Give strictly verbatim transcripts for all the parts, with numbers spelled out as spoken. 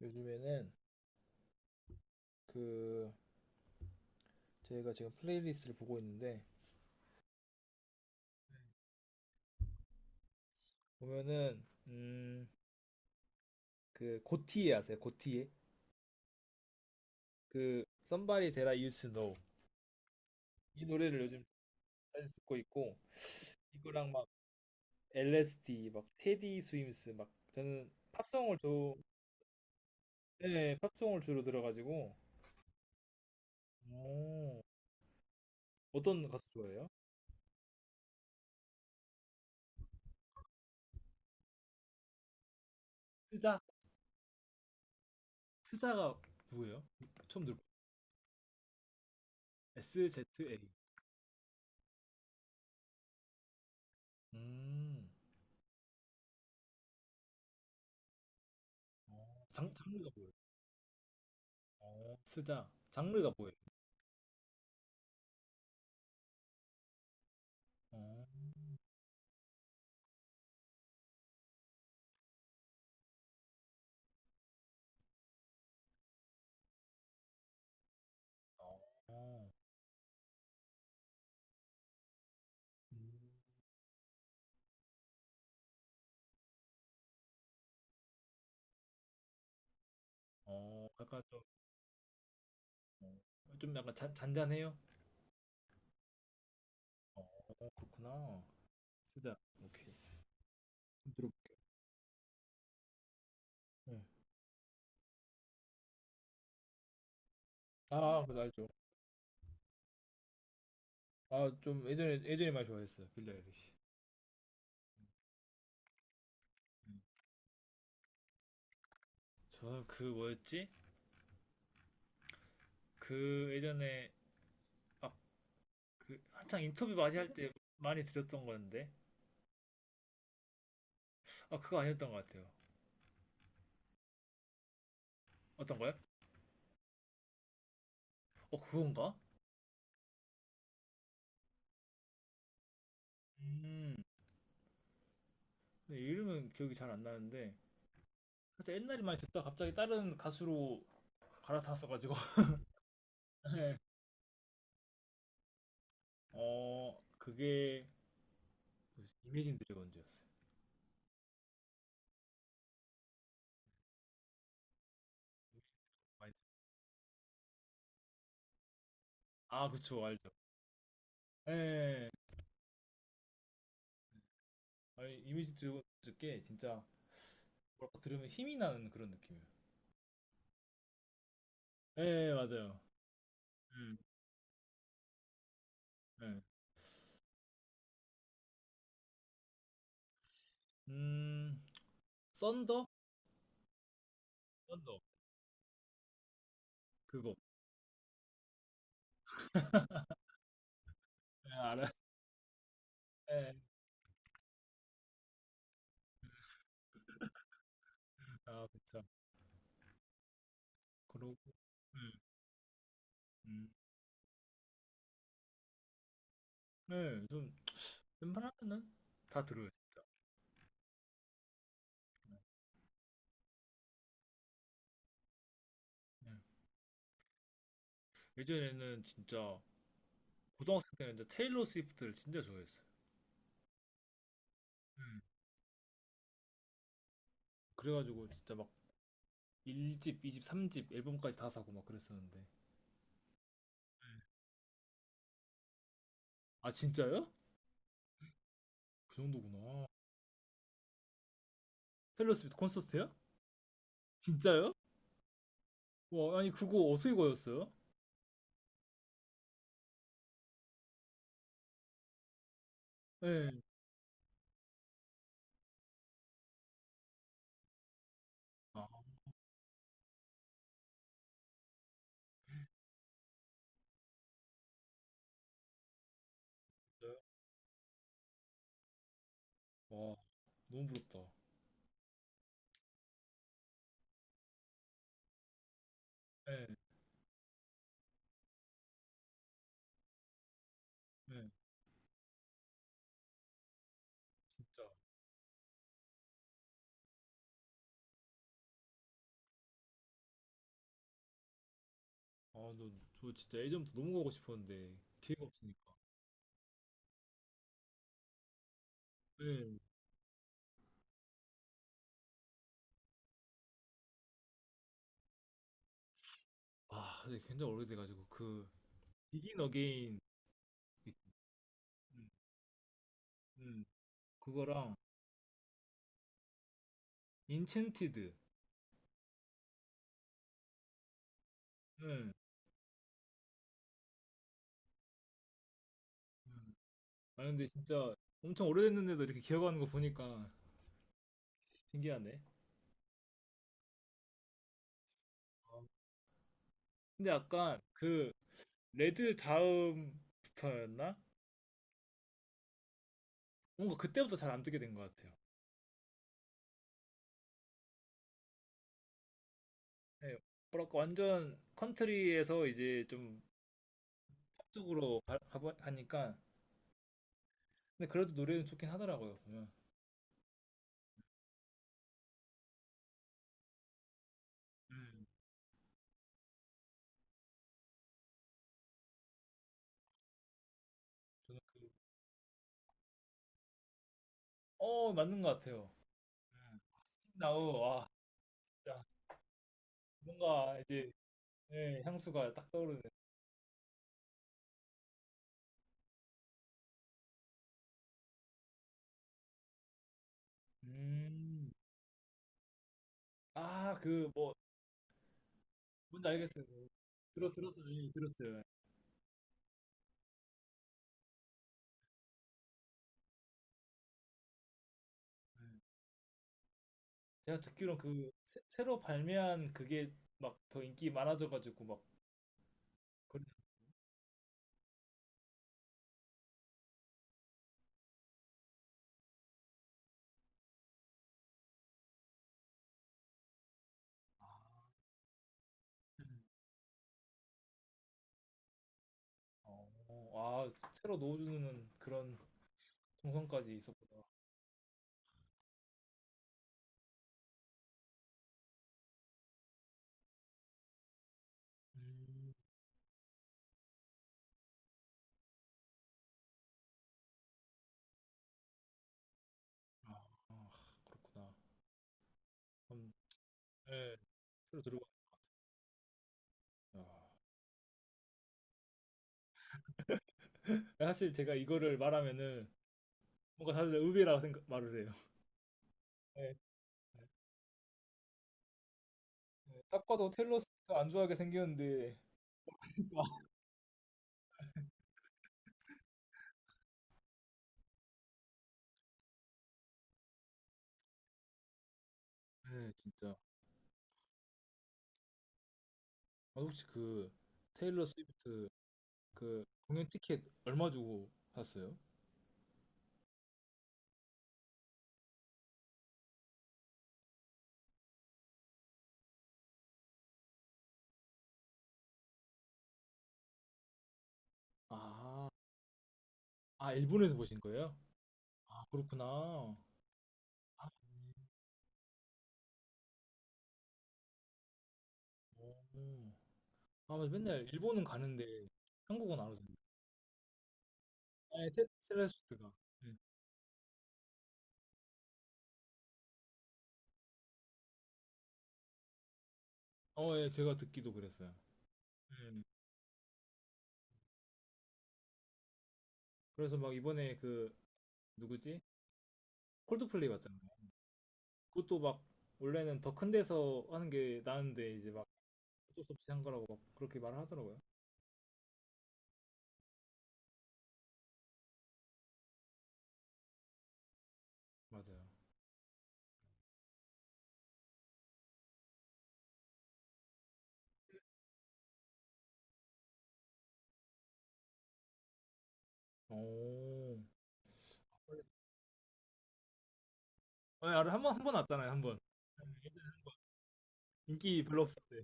요즘에는 그 제가 지금 플레이리스트를 보고 있는데 보면은 음 그 고티에 아세요? 고티에. 그 Somebody That I Used to Know, 이 노래를 요즘 자주 듣고 있고. 이거랑 막 엘에스디 막 테디 스임스 막 저는 팝송을 저. 네, 팝송을 주로 들어가지고. 오, 어떤 가수 좋아해요? 스자. 스자가 누구예요? 처음 들어. 에스지에이. 음. 어, 장, 장르가 뭐예요? 어, 스작. 장르가 뭐예요? 어, 어, 음. 어, 약간 좀, 어, 좀 약간 잔, 잔잔해요? 어, 그렇구나. 스작. 오케이. 좀 들어볼게요. 네. 아, 그거 알죠. 아, 좀 예전에, 예전에 많이 좋아했어요. 빌리 아일리시. 음. 저는 그 뭐였지? 그 예전에, 아, 그 한창 인터뷰 많이 할 때 많이 들었던 건데. 아, 그거 아니었던 것 같아요. 어떤 거요? 어, 그건가? 음. 근데 이름은 기억이 잘 안 나는데. 그때 옛날에 많이 듣다 가 갑자기 다른 가수로 갈아탔어가지고 예. 어 그게 뭐지? 이미진 드래곤즈였어요. 많이 듣- 아 그쵸 알죠. 예. 아니 이미진 드래곤즈께 진짜 뭐랄까 들으면 힘이 나는 그런 느낌이에요. 예 맞아요. 음. 예. 음 썬더. 썬더. 그거. 예 알아. 예. 아 그쵸. 그러고. 음. 음. 네, 좀 웬만하면은 다 들어요. 예. 예전에는 진짜 고등학생 때는 이제 테일러 스위프트를 진짜 좋아했어요. 음. 그래가지고 진짜 막 일집, 이집, 삼집 앨범까지 다 사고 막 그랬었는데. 아, 진짜요? 그 정도구나. 테일러 스위프트 콘서트요? 진짜요? 와, 아니 그거 어떻게 거였어요? 예. 아, 진짜요? 와, 너무 부럽다. 예, 예, 진짜. 아, 너, 저 진짜 예전부터 너무 가고 싶었는데 기회가 없으니까. 예. 아, 근데 굉장히 오래돼가지고 그 비긴 어게인 음, 음, 그거랑 인챈티드. 예. 음. 아 근데 진짜 엄청 오래됐는데도 이렇게 기억하는 거 보니까 신기하네. 근데 약간 그 레드 다음부터였나? 뭔가 그때부터 잘 안 뜨게 된 것 같아요. 네, 뭐랄까 완전 컨트리에서 이제 좀 쪽으로 가, 가- 가니까 근데 그래도 노래는 좋긴 하더라고요 보면. 음, 저는 그, 어 맞는 것 같아요. 음, 나우 와 진짜 뭔가 이제 예, 향수가 딱 떠오르네. 음, 아그뭐 뭔지 알겠어요. 그 들어 들었어요. 예, 들었어요. 예. 제가 듣기로 그 새, 로 발매한 그게 막 더 인기 많아져가지고 막그 아, 네. 어, 아 새로 넣어주는 그런 정성까지 있었구나. 음, 아, 아, 그렇구나. 음, 예, 새로 들어가. 아. 사실 제가 이거를 말하면은 뭔가 다들 의외라고 생각 말을 해요. 예. 예. 딱 봐도 테일러 스위프트 안 좋아하게 생겼는데. 네, 진짜. 아, 혹시 그 테일러 스위프트 그 공연 티켓 얼마 주고 샀어요? 아, 아 일본에서 보신 거예요? 아 그렇구나. 아, 오. 아 맞아. 맨날 일본은 가는데 한국은 안 오잖아요. 아니 테- 텔레소프트가. 네. 어, 예, 제가 듣기도 그랬어요. 음. 그래서 막 이번에 그 누구지? 콜드플레이 왔잖아요. 그것도 막 원래는 더 큰 데서 하는 게 나은데 이제 막 어쩔 수 없이 한 거라고 막 그렇게 말을 하더라고요. 맞아요. 오. 아, 한번 한 번 왔잖아요, 한 번. 예. 인기 별로 없을 때. 네.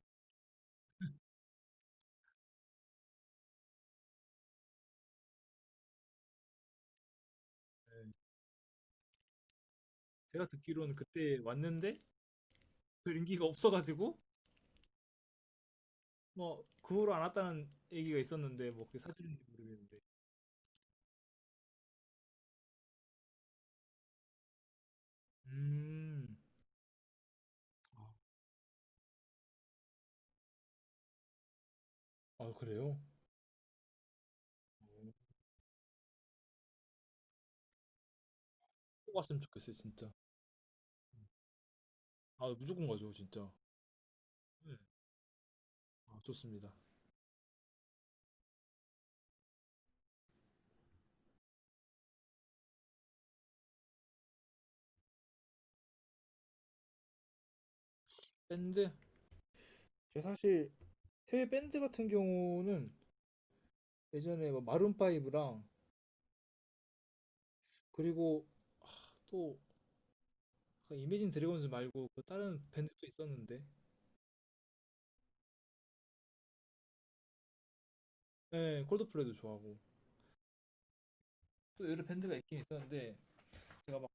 제가 듣기로는 그때 왔는데 별 인기가 없어가지고 뭐 그 후로 안 왔다는 얘기가 있었는데 뭐 그게 사실인지 모르겠는데. 음. 아, 아, 그래요? 어, 꼭 왔으면 좋겠어요, 진짜. 아, 무조건 가죠, 진짜. 네. 아, 좋습니다. 밴드? 제 사실 해외 밴드 같은 경우는 예전에 뭐 마룬파이브랑 그리고 아, 또 이매진 드래곤즈 말고 그 다른 밴드도 있었는데 네, 콜드플레이도 좋아하고 또 여러 밴드가 있긴 있었는데 제가 막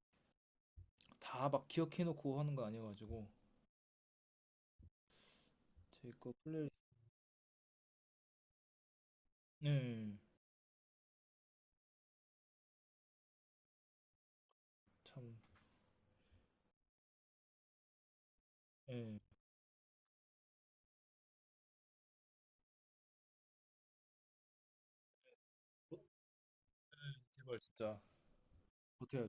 다 막 기억해놓고 하는 거 아니어가지고 제 거 플레이리스트 네, 참 네. 어? 제발 진짜 어떻게 해야